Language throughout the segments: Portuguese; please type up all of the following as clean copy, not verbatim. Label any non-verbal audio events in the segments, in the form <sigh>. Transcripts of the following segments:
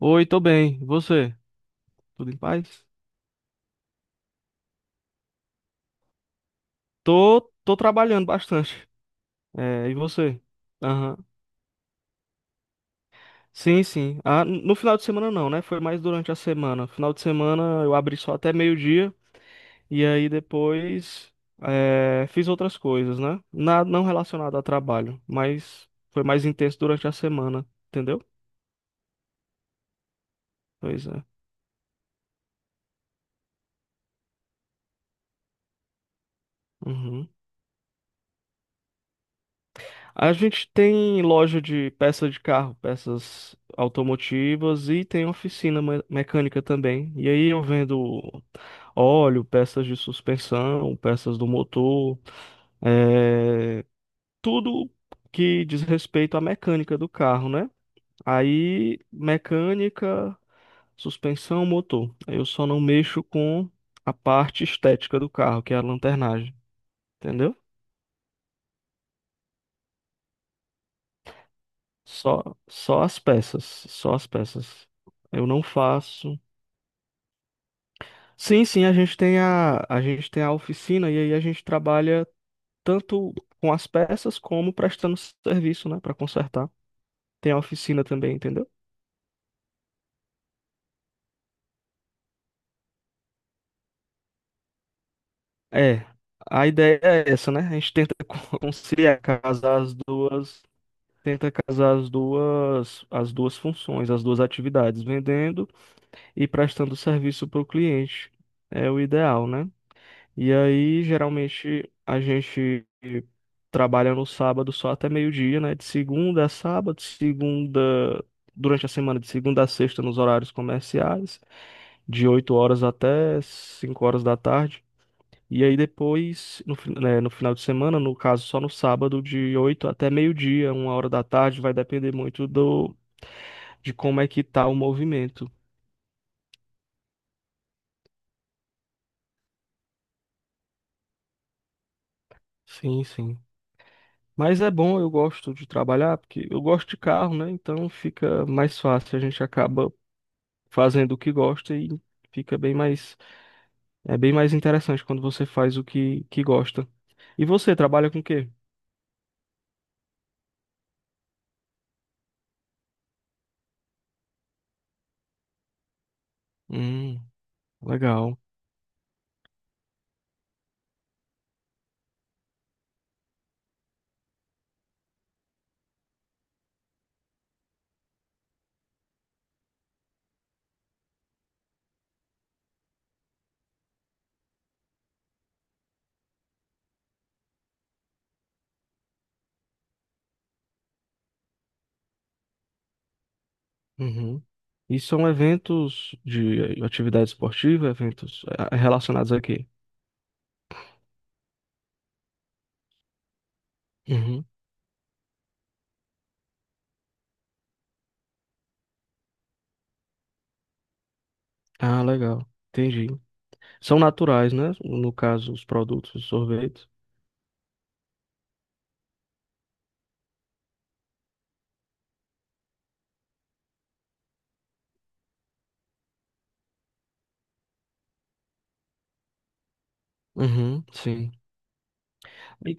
Oi, tô bem. E você? Tudo em paz? Tô trabalhando bastante. É, e você? Aham. Sim, sim. Ah, no final de semana não, né? Foi mais durante a semana. Final de semana eu abri só até meio-dia e aí depois fiz outras coisas, né? Nada não relacionado a trabalho, mas foi mais intenso durante a semana, entendeu? Pois é. Uhum. A gente tem loja de peças de carro, peças automotivas e tem oficina mecânica também. E aí eu vendo óleo, peças de suspensão, peças do motor, é, tudo que diz respeito à mecânica do carro, né? Aí mecânica, suspensão, motor. Eu só não mexo com a parte estética do carro, que é a lanternagem, entendeu? Só, só as peças, só as peças. Eu não faço. Sim, sim, a gente tem a oficina e aí a gente trabalha tanto com as peças como prestando serviço, né, para consertar. Tem a oficina também, entendeu? É, a ideia é essa, né? A gente tenta <laughs> conciliar, casar as duas, tenta casar as duas funções, as duas atividades, vendendo e prestando serviço para o cliente. É o ideal, né? E aí, geralmente, a gente trabalha no sábado só até meio-dia, né? De segunda a sábado, segunda, durante a semana, de segunda a sexta nos horários comerciais, de 8 horas até 5 horas da tarde. E aí depois, no final de semana, no caso só no sábado, de 8 até meio-dia, uma hora da tarde, vai depender muito de como é que tá o movimento. Sim, sim. Mas é bom, eu gosto de trabalhar, porque eu gosto de carro, né? Então fica mais fácil, a gente acaba fazendo o que gosta e fica bem mais, é bem mais interessante quando você faz o que gosta. E você trabalha com o quê? Hum, legal. Uhum. E são eventos de atividade esportiva, eventos relacionados a quê? Uhum. Ah, legal. Entendi. São naturais, né? No caso, os produtos, os sorvetes. Uhum, sim. E-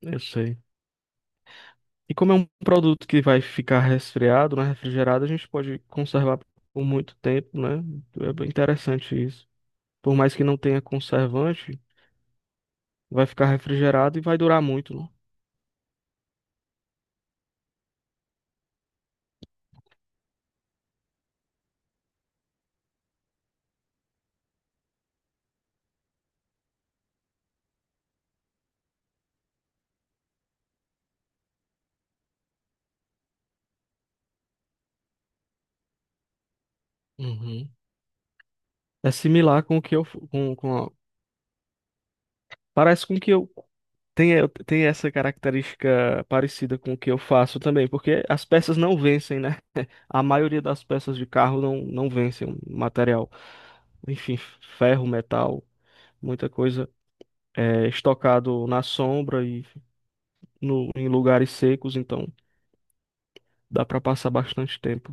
Eu sei. E como é um produto que vai ficar resfriado, né, refrigerado, a gente pode conservar por muito tempo, né? É bem interessante isso. Por mais que não tenha conservante, vai ficar refrigerado e vai durar muito, né? Uhum. É similar com o que eu f- com a- parece com que eu tem essa característica parecida com o que eu faço também, porque as peças não vencem, né? <laughs> A maioria das peças de carro não vencem o material. Enfim, ferro, metal, muita coisa é estocado na sombra e no, em lugares secos, então dá para passar bastante tempo.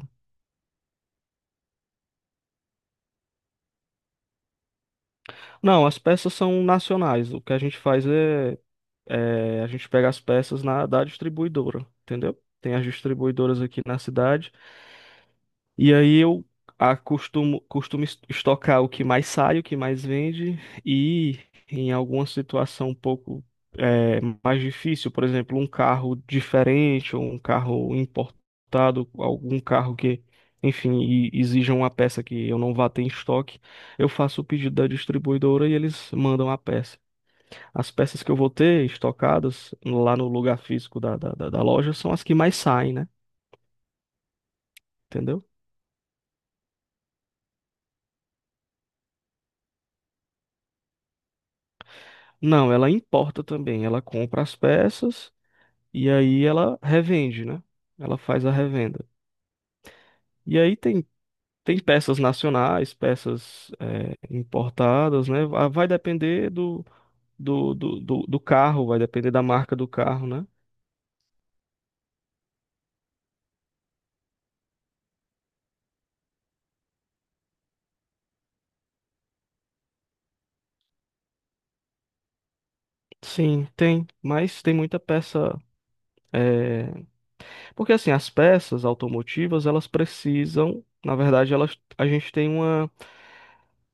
Não, as peças são nacionais. O que a gente faz a gente pega as peças na da distribuidora, entendeu? Tem as distribuidoras aqui na cidade. E aí eu costumo estocar o que mais sai, o que mais vende, e em alguma situação um pouco mais difícil, por exemplo, um carro diferente ou um carro importado, algum carro que, enfim, exija uma peça que eu não vá ter em estoque, eu faço o pedido da distribuidora e eles mandam a peça. As peças que eu vou ter estocadas lá no lugar físico da loja são as que mais saem, né? Entendeu? Não, ela importa também. Ela compra as peças e aí ela revende, né? Ela faz a revenda. E aí tem peças nacionais, peças importadas, né? Vai depender do carro, vai depender da marca do carro, né? Sim, tem, mas tem muita peça. eh, Porque assim, as peças automotivas, elas precisam, na verdade, elas, a gente tem uma.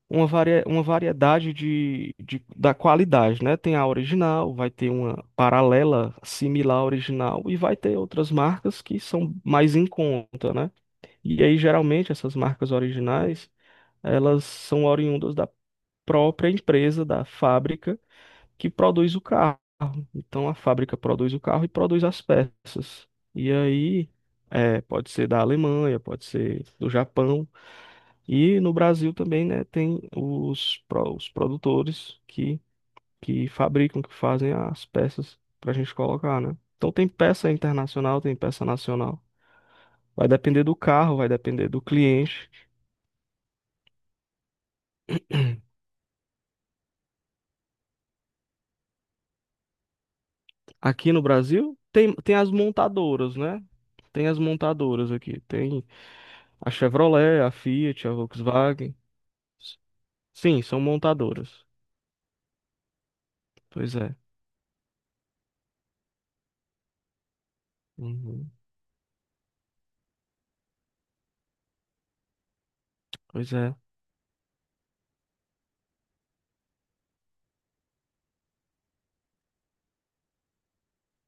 Uma variedade da qualidade, né? Tem a original, vai ter uma paralela similar à original e vai ter outras marcas que são mais em conta, né? E aí, geralmente, essas marcas originais, elas são oriundas da própria empresa, da fábrica que produz o carro. Então, a fábrica produz o carro e produz as peças. E aí, pode ser da Alemanha, pode ser do Japão. E no Brasil também, né, tem os produtores que fabricam, que fazem as peças para a gente colocar, né? Então tem peça internacional, tem peça nacional. Vai depender do carro, vai depender do cliente. <clears throat> Aqui no Brasil tem as montadoras, né? Tem as montadoras aqui. Tem a Chevrolet, a Fiat, a Volkswagen. Sim, são montadoras. Pois é. Uhum. Pois é.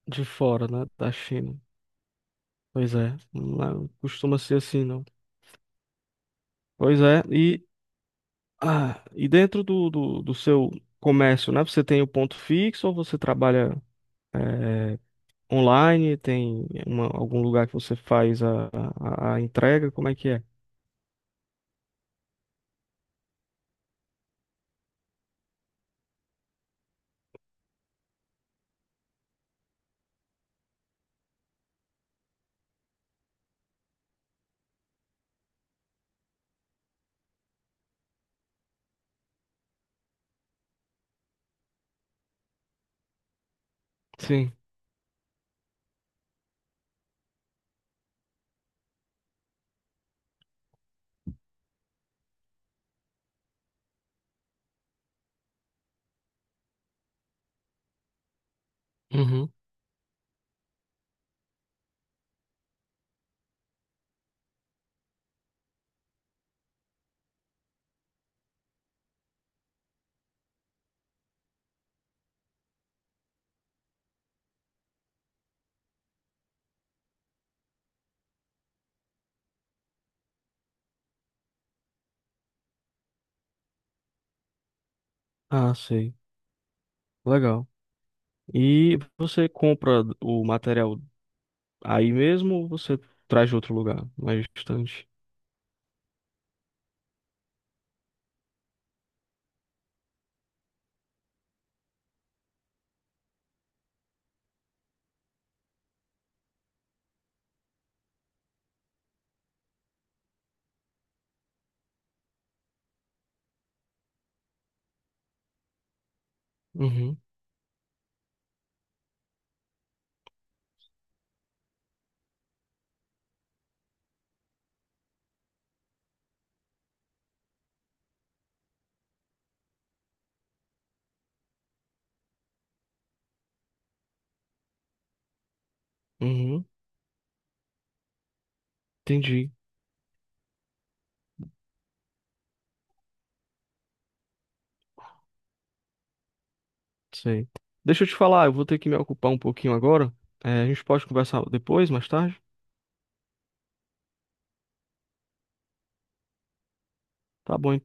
De fora, né? Da China. Pois é, não costuma ser assim, não. Pois é, e dentro do seu comércio, né? Você tem o ponto fixo ou você trabalha eh, online? Tem algum lugar que você faz a entrega? Como é que é? Sim. Uhum. Ah, sei. Legal. E você compra o material aí mesmo ou você traz de outro lugar, mais distante? Uhum. Uhum. Entendi. Sei. Deixa eu te falar, eu vou ter que me ocupar um pouquinho agora. É, a gente pode conversar depois, mais tarde? Tá bom, então.